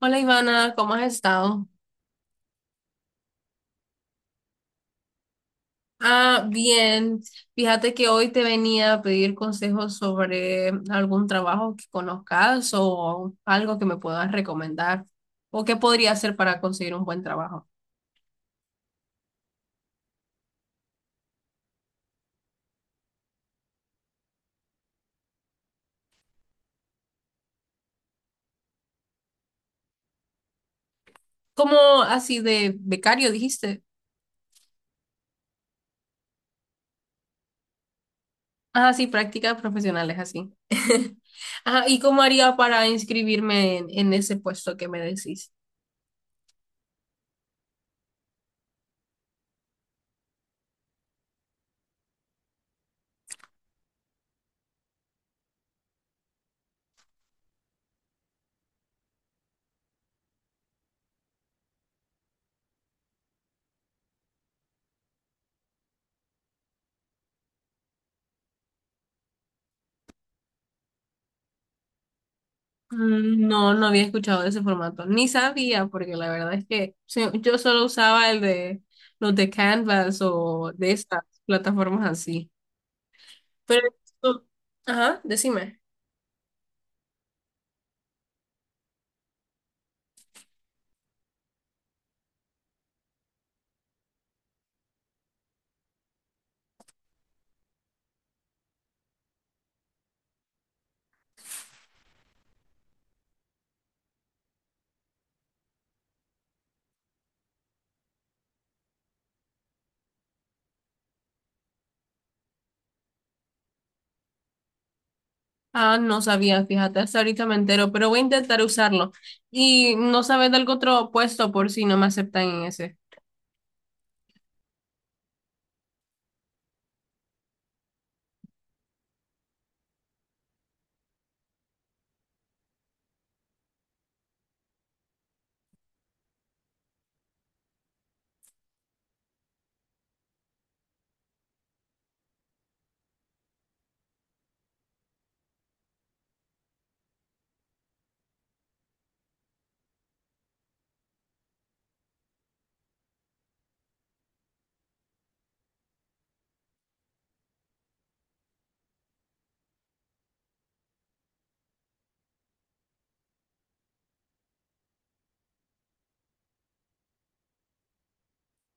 Hola Ivana, ¿cómo has estado? Ah, bien. Fíjate que hoy te venía a pedir consejos sobre algún trabajo que conozcas o algo que me puedas recomendar o qué podría hacer para conseguir un buen trabajo. ¿Como así de becario dijiste? Ah, sí, prácticas profesionales así. Ajá, ¿y cómo haría para inscribirme en ese puesto que me decís? No, no había escuchado de ese formato, ni sabía, porque la verdad es que sí, yo solo usaba el de los de Canvas o de estas plataformas así. Pero, esto- ajá, decime. Ah, no sabía, fíjate, hasta ahorita me entero, pero voy a intentar usarlo. ¿Y no sabes de algún otro puesto por si no me aceptan en ese?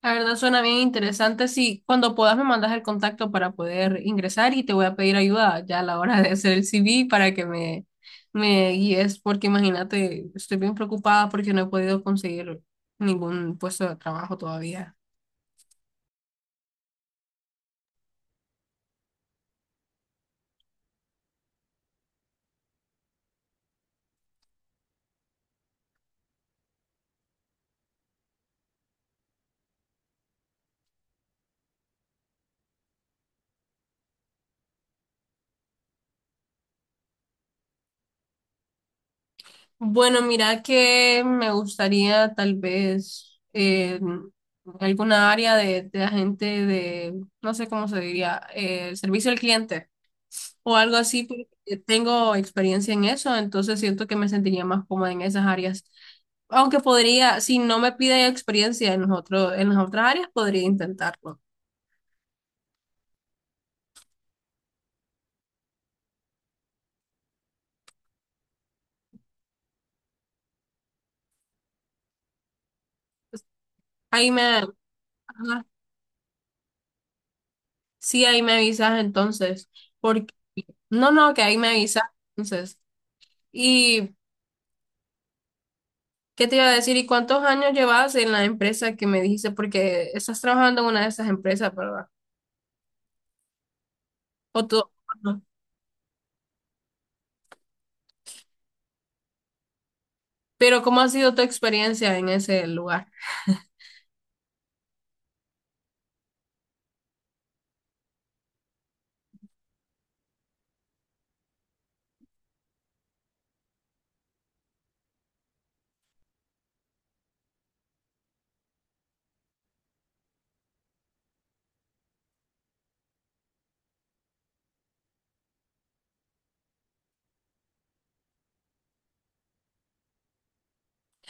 La verdad suena bien interesante. Sí, cuando puedas me mandas el contacto para poder ingresar y te voy a pedir ayuda ya a la hora de hacer el CV para me guíes, porque imagínate, estoy bien preocupada porque no he podido conseguir ningún puesto de trabajo todavía. Bueno, mira que me gustaría tal vez alguna área de agente de, no sé cómo se diría, servicio al cliente, o algo así, porque tengo experiencia en eso, entonces siento que me sentiría más cómoda en esas áreas. Aunque podría, si no me pide experiencia en en las otras áreas, podría intentarlo. Ahí me, ajá, sí, ahí me avisas entonces, porque, no, no, que ahí me avisas entonces. ¿Y qué te iba a decir? ¿Y cuántos años llevas en la empresa que me dijiste? Porque estás trabajando en una de esas empresas, ¿verdad? O tú, ajá, pero ¿cómo ha sido tu experiencia en ese lugar?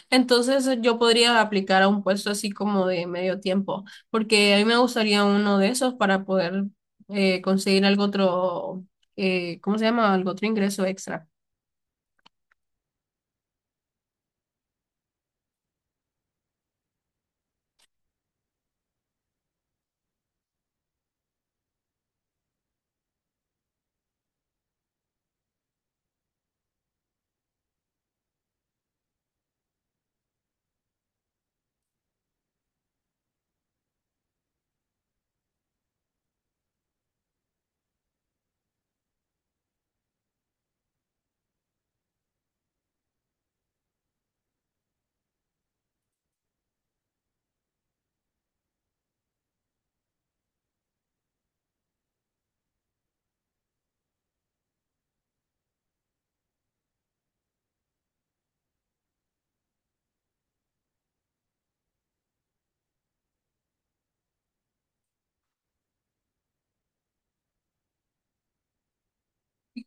Entonces yo podría aplicar a un puesto así como de medio tiempo, porque a mí me gustaría uno de esos para poder conseguir algo otro, ¿cómo se llama? Algo otro ingreso extra.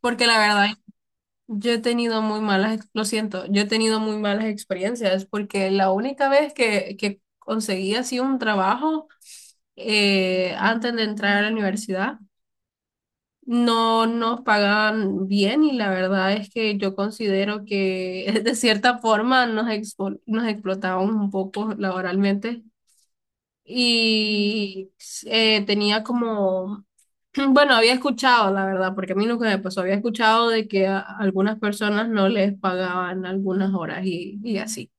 Porque la verdad, yo he tenido muy malas, ex- lo siento, yo he tenido muy malas experiencias, porque la única vez que conseguí así un trabajo antes de entrar a la universidad, no nos pagan bien y la verdad es que yo considero que de cierta forma nos explotaban un poco laboralmente y tenía como, bueno, había escuchado la verdad, porque a mí nunca me pasó, había escuchado de que a algunas personas no les pagaban algunas horas y así.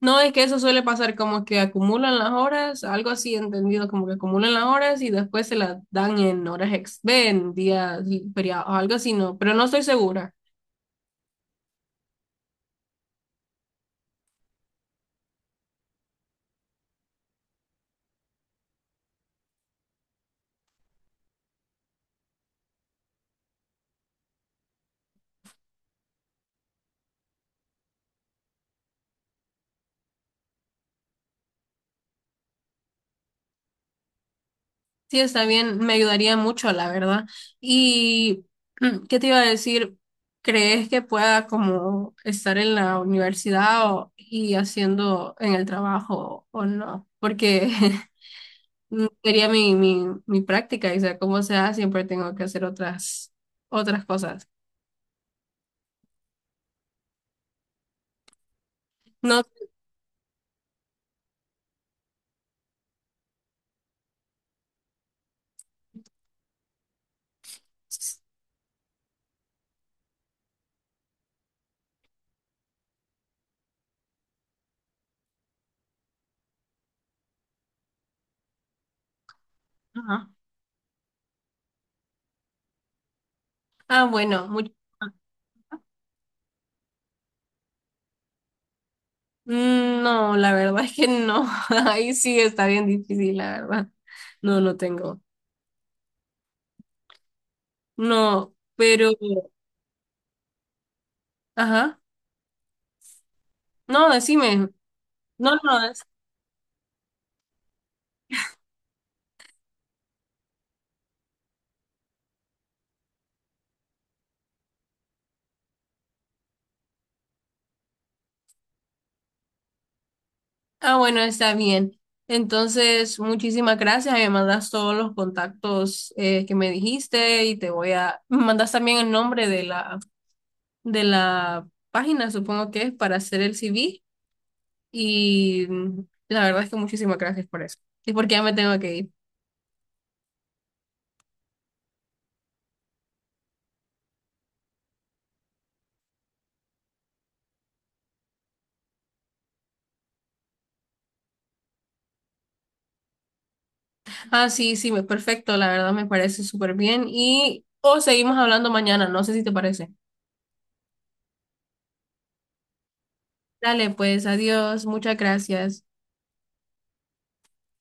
No, es que eso suele pasar como que acumulan las horas, algo así entendido, como que acumulan las horas y después se las dan en en días y feriados, algo así, no, pero no estoy segura. Sí, está bien, me ayudaría mucho, la verdad. Y, mm, ¿qué te iba a decir? ¿Crees que pueda como estar en y haciendo en el trabajo o no? Porque mm, sería mi práctica y sea como sea, siempre tengo que hacer otras cosas. No. Ajá. Ah, bueno, mucho. No, la verdad es que no. Ahí sí está bien difícil, la verdad. No, no tengo. No, pero, ajá. No, decime. No, no, es- Ah, bueno, está bien. Entonces, muchísimas gracias. Me mandas todos los contactos que me dijiste y te voy a. Me mandas también el nombre de la página, supongo que es, para hacer el CV. Y mm, la verdad es que muchísimas gracias por eso. Y porque ya me tengo que ir. Ah, sí, sí, perfecto, la verdad me parece súper bien. Y o seguimos hablando mañana, no sé si te parece. Dale, pues, adiós, muchas gracias.